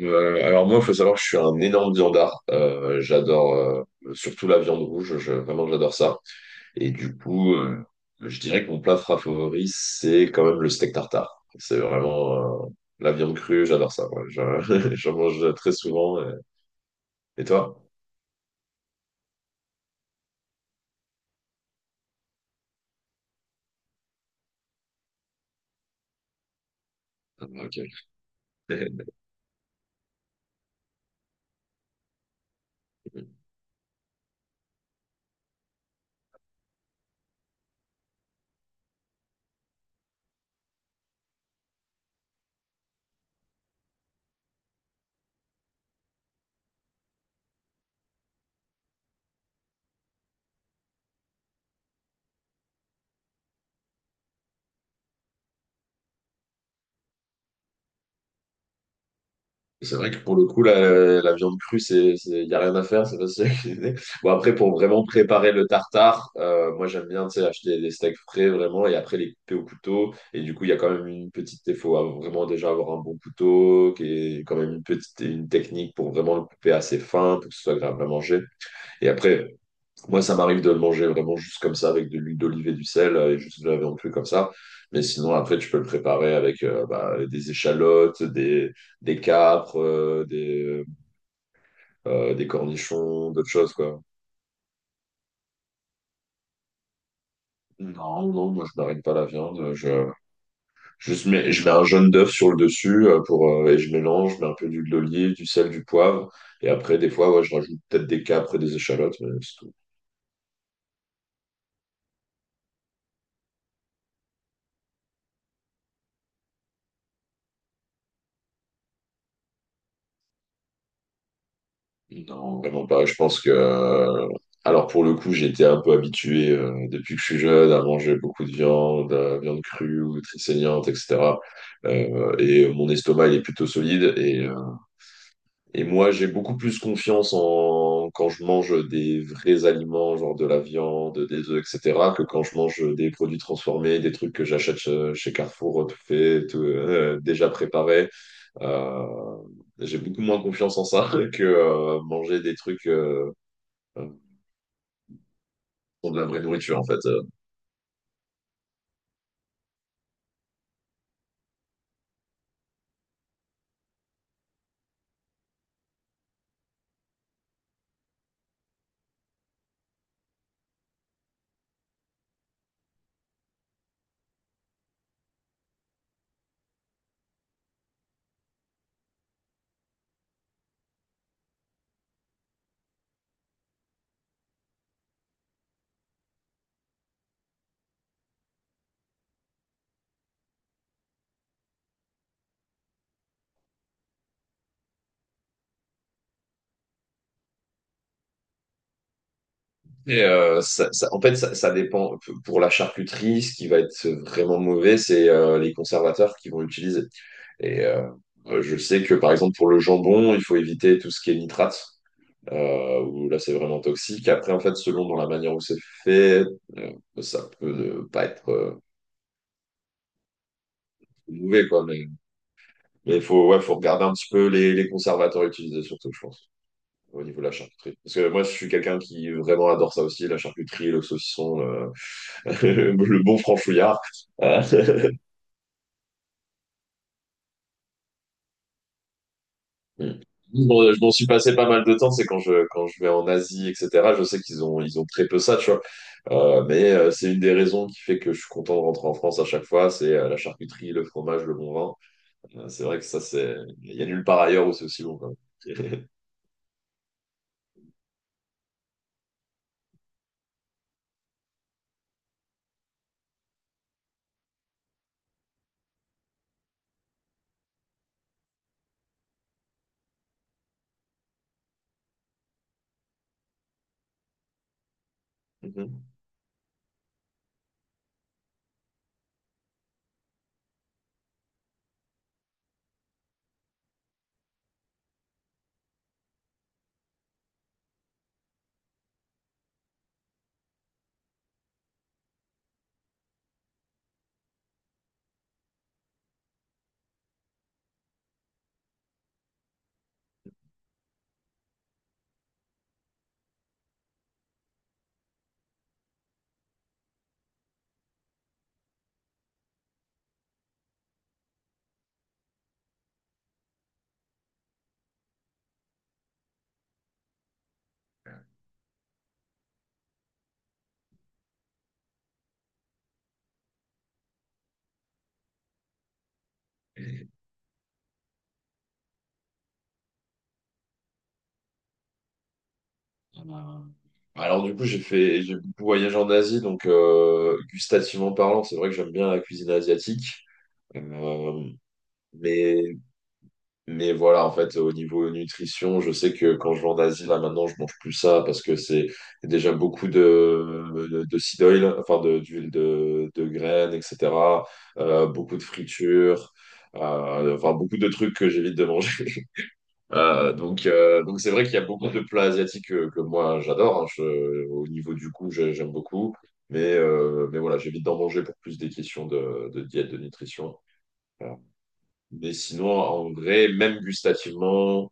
Alors moi, il faut savoir que je suis un énorme viandard. J'adore surtout la viande rouge. Vraiment, j'adore ça. Et du coup, euh, je dirais que mon favori, c'est quand même le steak tartare. C'est vraiment la viande crue. J'adore ça. Ouais. J'en mange très souvent. Et toi? Ah, ok. C'est vrai que pour le coup, la viande crue, c'est, y a rien à faire, c'est facile à cuisiner. Bon, après, pour vraiment préparer le tartare, moi, j'aime bien, tu sais, acheter des steaks frais, vraiment, et après, les couper au couteau. Et du coup, il y a quand même une petite, il faut vraiment déjà avoir un bon couteau, qui est quand même une petite, une technique pour vraiment le couper assez fin, pour que ce soit agréable à manger. Et après, moi, ça m'arrive de le manger vraiment juste comme ça, avec de l'huile d'olive et du sel, et juste de la viande crue comme ça. Mais sinon, après, tu peux le préparer avec bah, des échalotes, des capres, des cornichons, d'autres choses, quoi. Non, non, moi, je marine pas la viande. Juste mets, je mets un jaune d'œuf sur le dessus et je mélange, je mets un peu d'huile d'olive, du sel, du poivre. Et après, des fois, ouais, je rajoute peut-être des capres et des échalotes, mais c'est tout. Non, vraiment pas. Je pense que. Alors, pour le coup, j'étais un peu habitué depuis que je suis jeune à manger beaucoup de viande, viande crue ou très saignante, etc. Et mon estomac, il est plutôt solide. Et moi, j'ai beaucoup plus confiance en quand je mange des vrais aliments, genre de la viande, des œufs, etc., que quand je mange des produits transformés, des trucs que j'achète chez Carrefour, tout fait, déjà préparé. Euh, j'ai beaucoup moins confiance en ça que manger des trucs. euh, pour de la vraie nourriture en fait. Ça, en fait, ça dépend. Pour la charcuterie, ce qui va être vraiment mauvais, c'est les conservateurs qu'ils vont utiliser. Et euh, je sais que par exemple pour le jambon, il faut éviter tout ce qui est nitrate. Où là c'est vraiment toxique. Après, en fait, selon dans la manière où c'est fait, euh, ça peut ne pas être mauvais quoi. Mais il faut ouais, faut regarder un petit peu les conservateurs utilisés surtout, je pense. Au niveau de la charcuterie. Parce que moi, je suis quelqu'un qui vraiment adore ça aussi, la charcuterie, le saucisson, le bon franchouillard. Euh, mm. Bon, je m'en suis passé pas mal de temps, c'est quand quand je vais en Asie, etc. Je sais qu'ils ont, ils ont très peu ça, tu vois. C'est une des raisons qui fait que je suis content de rentrer en France à chaque fois, c'est la charcuterie, le fromage, le bon vin. C'est vrai que ça, c'est, il y a nulle part ailleurs où c'est aussi bon, quand Mhm. Euh, Alors du coup, j'ai beaucoup voyagé en Asie, donc gustativement parlant, c'est vrai que j'aime bien la cuisine asiatique. Euh, mais, mais voilà, en fait, au niveau nutrition, je sais que quand je vais en Asie, là maintenant, je mange plus ça parce que c'est déjà beaucoup de seed oil, enfin d'huile de graines, etc. Beaucoup de fritures, enfin beaucoup de trucs que j'évite de manger. Donc c'est vrai qu'il y a beaucoup de plats asiatiques que, moi j'adore. Hein. Au niveau du goût, j'aime beaucoup. Mais voilà, j'évite d'en manger pour plus des questions de diète, de nutrition. Voilà. Mais sinon, en vrai, même gustativement,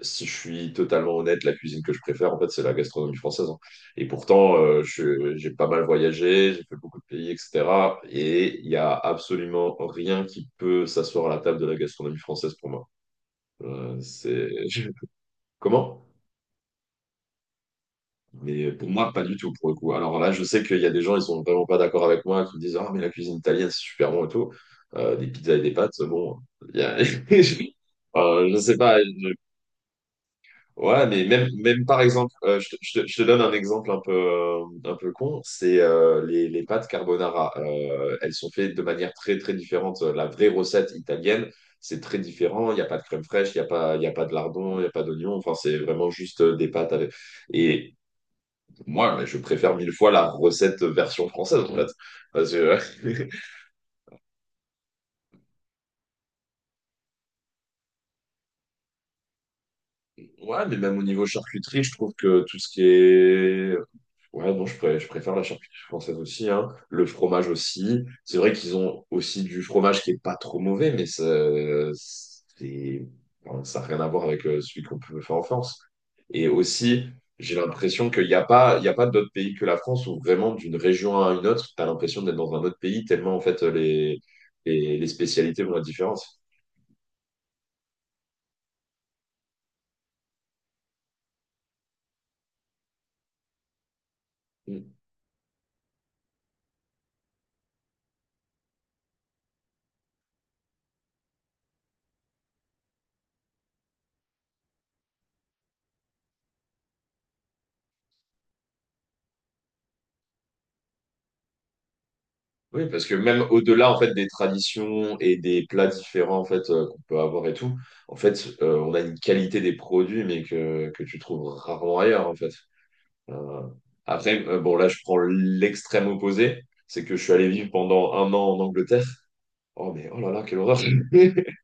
si je suis totalement honnête, la cuisine que je préfère, en fait, c'est la gastronomie française. Hein. Et pourtant, j'ai pas mal voyagé, j'ai fait beaucoup de pays, etc. Et il y a absolument rien qui peut s'asseoir à la table de la gastronomie française pour moi. C'est... Comment? Mais pour moi, pas du tout, pour le coup. Alors là, je sais qu'il y a des gens, ils sont vraiment pas d'accord avec moi, qui me disent, ah, mais la cuisine italienne, c'est super bon et tout. Des pizzas et des pâtes, bon, il y a... Je sais pas. Ouais, mais même, même par exemple, je te donne un exemple un peu con, c'est les pâtes carbonara. Elles sont faites de manière très, très différente. La vraie recette italienne, c'est très différent. Il n'y a pas de crème fraîche, il y a pas de lardon, il n'y a pas d'oignon. Enfin, c'est vraiment juste des pâtes avec... Et moi, je préfère mille fois la recette version française, en fait. Parce que- ouais, mais même au niveau charcuterie, je trouve que tout ce qui est ouais, non, je, pré- je préfère la charcuterie française aussi, hein. Le fromage aussi. C'est vrai qu'ils ont aussi du fromage qui est pas trop mauvais, mais ça, c'est, enfin, ça n'a rien à voir avec celui qu'on peut faire en France. Et aussi, j'ai l'impression qu'il n'y a pas, il y a pas d'autres pays que la France où vraiment d'une région à une autre, tu as l'impression d'être dans un autre pays tellement en fait les spécialités vont être différentes. Oui, parce que même au-delà en fait des traditions et des plats différents en fait qu'on peut avoir et tout, en fait, on a une qualité des produits mais que tu trouves rarement ailleurs en fait. Euh, bon là je prends l'extrême opposé, c'est que je suis allé vivre pendant 1 an en Angleterre. Oh mais oh là là, quelle horreur!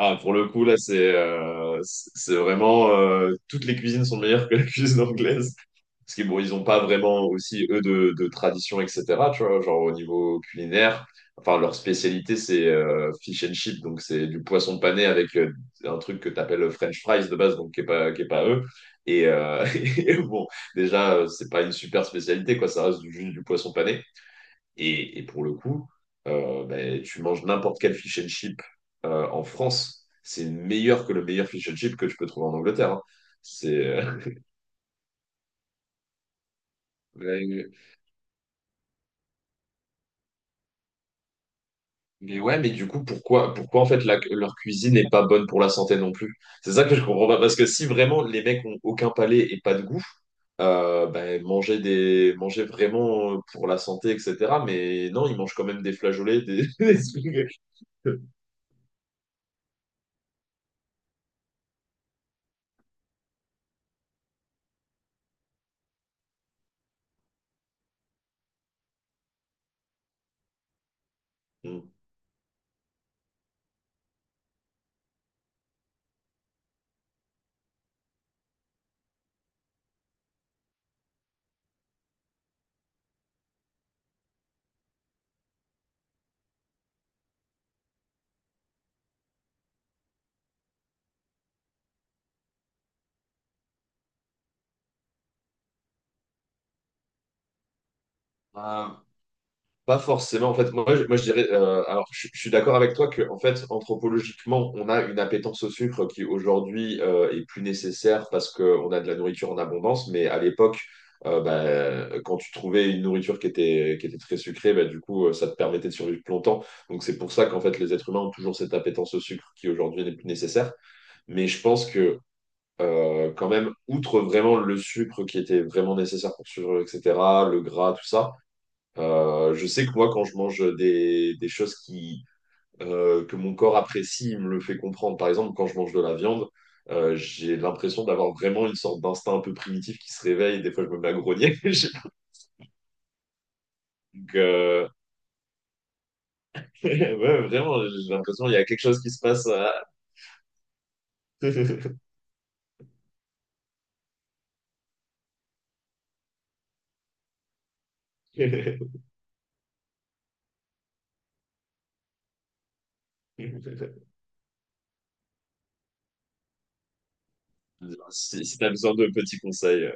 Ah, pour le coup, là, c'est vraiment... Toutes les cuisines sont meilleures que la cuisine anglaise. Parce que bon, ils n'ont pas vraiment aussi, eux, de tradition, etc. Tu vois, genre au niveau culinaire. Enfin, leur spécialité, c'est fish and chip. Donc, c'est du poisson pané avec un truc que tu appelles French fries de base, donc qui est pas eux. Et, euh, et bon, déjà, c'est pas une super spécialité, quoi. Ça reste juste du poisson pané. Et pour le coup, ben, tu manges n'importe quel fish and chip en France, c'est meilleur que le meilleur fish and chip que tu peux trouver en Angleterre. Hein. C'est Ouais, mais du coup, pourquoi en fait leur cuisine n'est pas bonne pour la santé non plus? C'est ça que je comprends pas. Parce que si vraiment les mecs ont aucun palais et pas de goût, ben, manger vraiment pour la santé, etc. Mais non, ils mangent quand même des flageolets, des, des trucs. Mm. Pas forcément. En fait, moi, je dirais. Je suis d'accord avec toi que, en fait, anthropologiquement, on a une appétence au sucre qui aujourd'hui est plus nécessaire parce qu'on a de la nourriture en abondance. Mais à l'époque, bah, quand tu trouvais une nourriture qui était très sucrée, bah, du coup, ça te permettait de survivre plus longtemps. Donc, c'est pour ça qu'en fait, les êtres humains ont toujours cette appétence au sucre qui aujourd'hui n'est plus nécessaire. Mais je pense que, Quand même, outre vraiment le sucre qui était vraiment nécessaire pour survivre, etc., le gras, tout ça. Je sais que moi, quand je mange des choses qui, que mon corps apprécie, il me le fait comprendre. Par exemple, quand je mange de la viande, j'ai l'impression d'avoir vraiment une sorte d'instinct un peu primitif qui se réveille. Des fois, je me mets à grogner. Donc, euh, ouais, vraiment, j'ai l'impression qu'il y a quelque chose qui se passe. Si, si t'as besoin de petits conseils,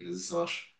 ça marche.